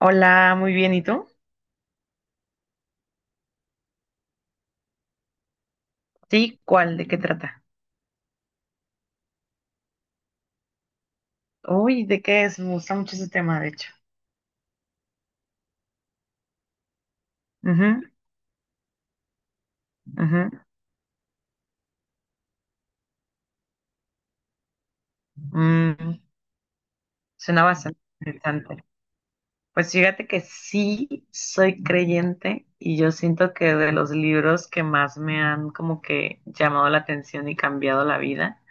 Hola, muy bien, ¿y tú? Sí, ¿cuál? ¿De qué trata? Uy, ¿de qué es? Me gusta mucho ese tema, de hecho. Ujú, ujú. Mm, Suena bastante interesante. Pues fíjate que sí soy creyente y yo siento que de los libros que más me han como que llamado la atención y cambiado la vida,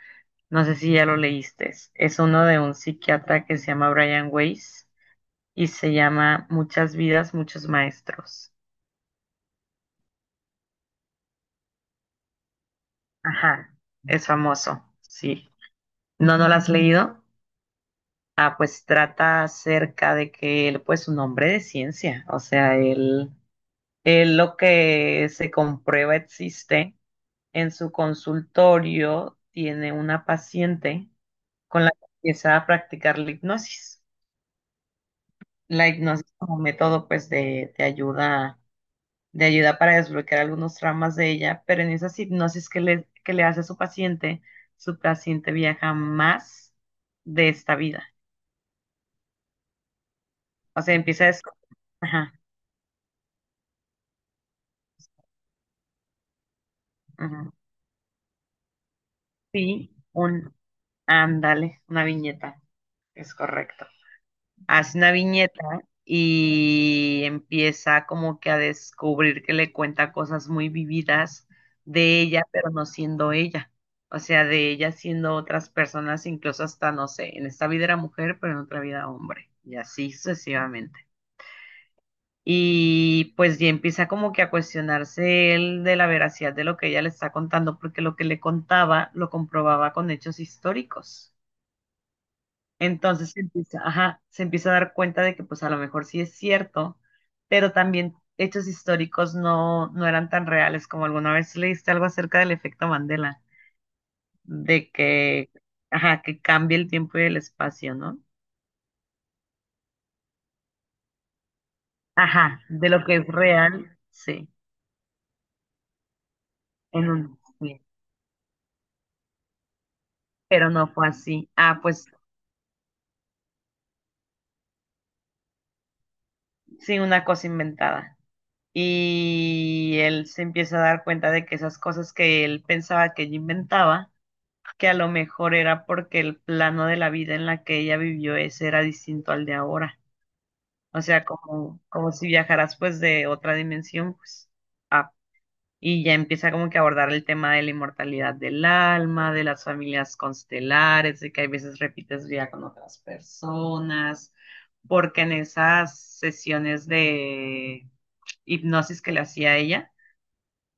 no sé si ya lo leíste, es uno de un psiquiatra que se llama Brian Weiss y se llama Muchas vidas, muchos maestros. Ajá, es famoso, sí. No, no la has leído. Ah, pues trata acerca de que él, pues, un hombre de ciencia, o sea, él lo que se comprueba existe. En su consultorio tiene una paciente con la que empieza a practicar la hipnosis. La hipnosis como método, pues, de ayuda, de ayuda para desbloquear algunos traumas de ella, pero en esas hipnosis que le hace a su paciente viaja más de esta vida. O sea, empieza a descubrir. Ujú. Sí, un, ándale, una viñeta, es correcto. Hace una viñeta y empieza como que a descubrir que le cuenta cosas muy vividas de ella, pero no siendo ella. O sea, de ella siendo otras personas, incluso hasta, no sé, en esta vida era mujer, pero en otra vida hombre. Y así sucesivamente. Y pues ya empieza como que a cuestionarse él de la veracidad de lo que ella le está contando, porque lo que le contaba lo comprobaba con hechos históricos. Entonces se empieza, ajá, se empieza a dar cuenta de que pues a lo mejor sí es cierto, pero también hechos históricos no eran tan reales como alguna vez leíste algo acerca del efecto Mandela, de que, ajá, que cambia el tiempo y el espacio, ¿no? Ajá, de lo que es real, sí, en un, sí, pero no fue así. Ah, pues sí, una cosa inventada. Y él se empieza a dar cuenta de que esas cosas que él pensaba que ella inventaba, que a lo mejor era porque el plano de la vida en la que ella vivió ese era distinto al de ahora. O sea, como, como si viajaras pues de otra dimensión, pues. Ah. Y ya empieza como que a abordar el tema de la inmortalidad del alma, de las familias constelares, de que hay veces repites vida con otras personas, porque en esas sesiones de hipnosis que le hacía a ella,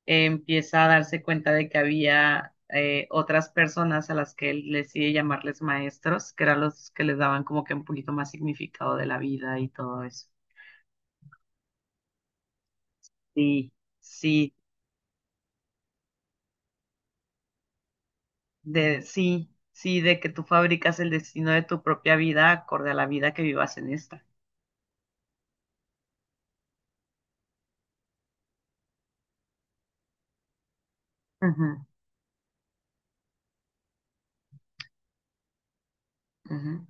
empieza a darse cuenta de que había otras personas a las que él decide llamarles maestros, que eran los que les daban como que un poquito más significado de la vida y todo eso. Sí, sí, de sí, sí, de que tú fabricas el destino de tu propia vida acorde a la vida que vivas en esta. Ujú, ujú.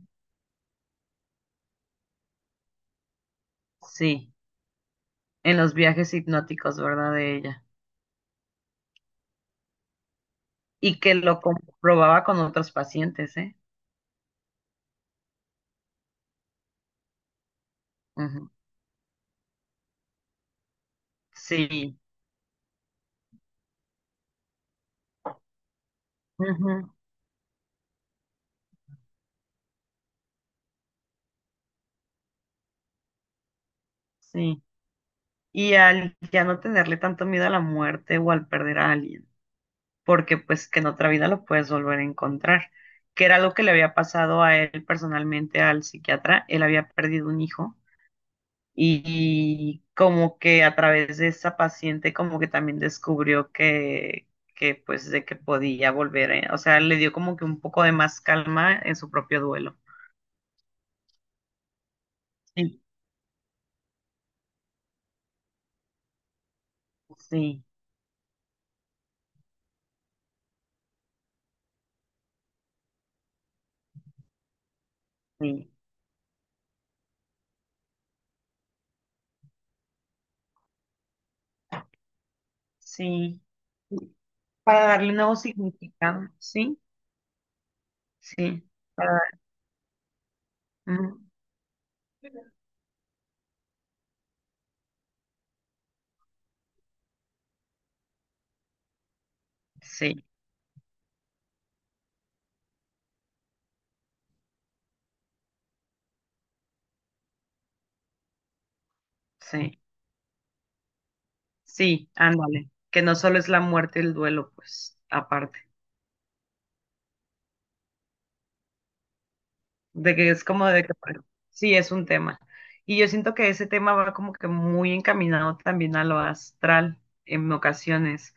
Sí, en los viajes hipnóticos, ¿verdad? De ella. Y que lo comprobaba con otros pacientes, ¿eh? Ujú. Sí, ujú, sí. Y al ya no tenerle tanto miedo a la muerte o al perder a alguien, porque pues que en otra vida lo puedes volver a encontrar, que era lo que le había pasado a él personalmente al psiquiatra, él había perdido un hijo y como que a través de esa paciente como que también descubrió que pues de que podía volver, ¿eh? O sea, le dio como que un poco de más calma en su propio duelo. Sí, sí, sí, sí. Para darle un nuevo significado, sí, sí. Mm, sí, sí, sí, ándale. Que no solo es la muerte y el duelo, pues, aparte. De que es como de que, bueno, sí, es un tema. Y yo siento que ese tema va como que muy encaminado también a lo astral en ocasiones,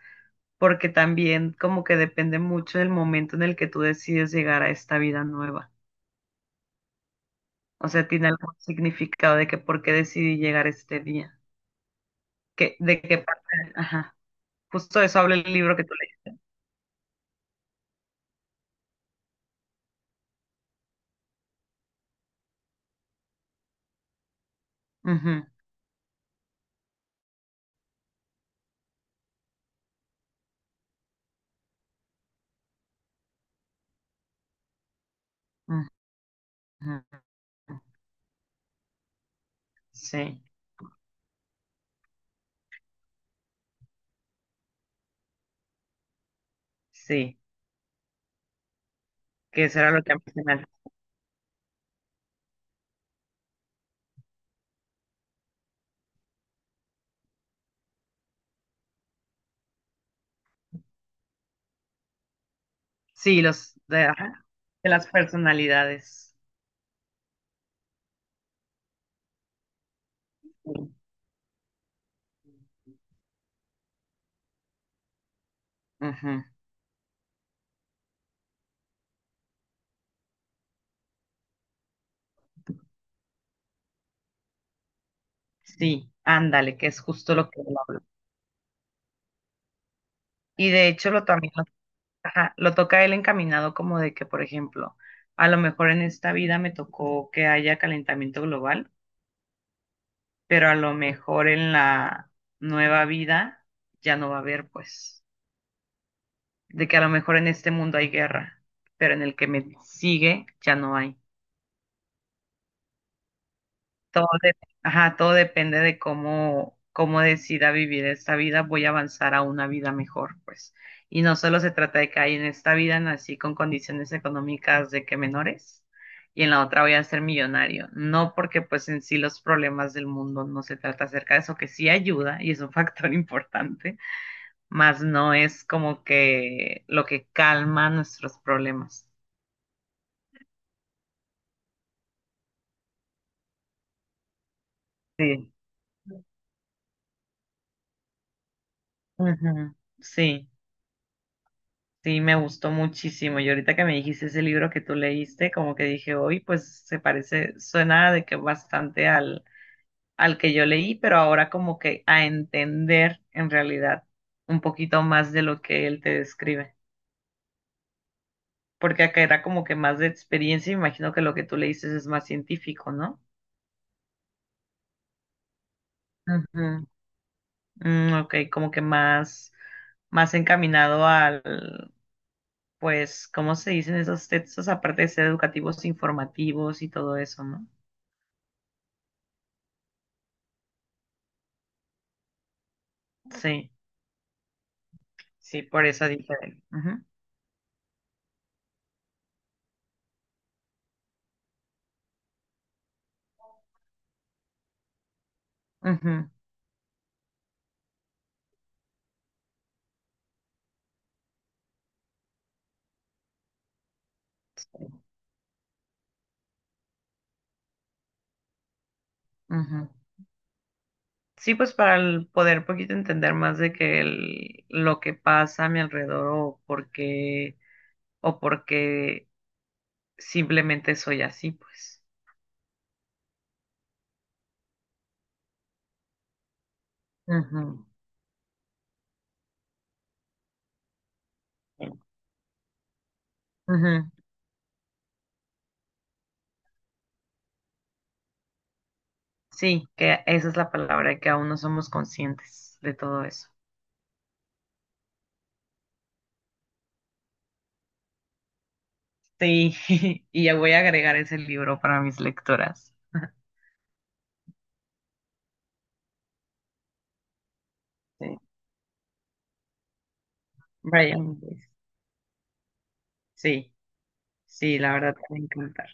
porque también como que depende mucho del momento en el que tú decides llegar a esta vida nueva. O sea, tiene algún significado de que por qué decidí llegar este día. Que, de qué parte, ajá. Justo de eso habla el libro que tú lees. Ujú, ajá. Sí, sí, que será lo que han mencionado. Sí, los de, ajá, de las personalidades. Sí, ujú, sí, ándale, que es justo lo que él habla. Y de hecho lo también lo, ajá, lo toca él encaminado como de que, por ejemplo, a lo mejor en esta vida me tocó que haya calentamiento global, pero a lo mejor en la nueva vida ya no va a haber, pues, de que a lo mejor en este mundo hay guerra, pero en el que me sigue ya no hay. Todo, de- ajá, todo depende de cómo, cómo decida vivir esta vida. Voy a avanzar a una vida mejor, pues. Y no solo se trata de que hay en esta vida nací con condiciones económicas de que menores y en la otra voy a ser millonario. No porque pues en sí los problemas del mundo no se trata acerca de eso, que sí ayuda y es un factor importante, más no es como que lo que calma nuestros problemas. Sí. Ujú, sí. Sí, me gustó muchísimo. Y ahorita que me dijiste ese libro que tú leíste, como que dije, hoy pues se parece, suena de que bastante al, al que yo leí, pero ahora como que a entender en realidad un poquito más de lo que él te describe. Porque acá era como que más de experiencia, y me imagino que lo que tú leíste es más científico, ¿no? Ujú. Ok, como que más, más encaminado al, pues, ¿cómo se dicen esos textos? Aparte de ser educativos, informativos y todo eso, ¿no? Sí, sí, por eso dije. Ujú, ujú, ujú. Sí, pues para el poder poquito entender más de que el- lo que pasa a mi alrededor o por qué simplemente soy así, pues. Ujú, sí, ujú. Sí, que esa es la palabra, que aún no somos conscientes de todo eso. Sí, y ya voy a agregar ese libro para mis lectoras. Sí, Brian Weiss. Sí, sí, la verdad te va a encantar.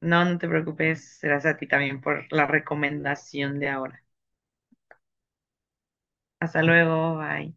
No, no te preocupes, gracias a ti también por la recomendación de ahora. Hasta luego, bye.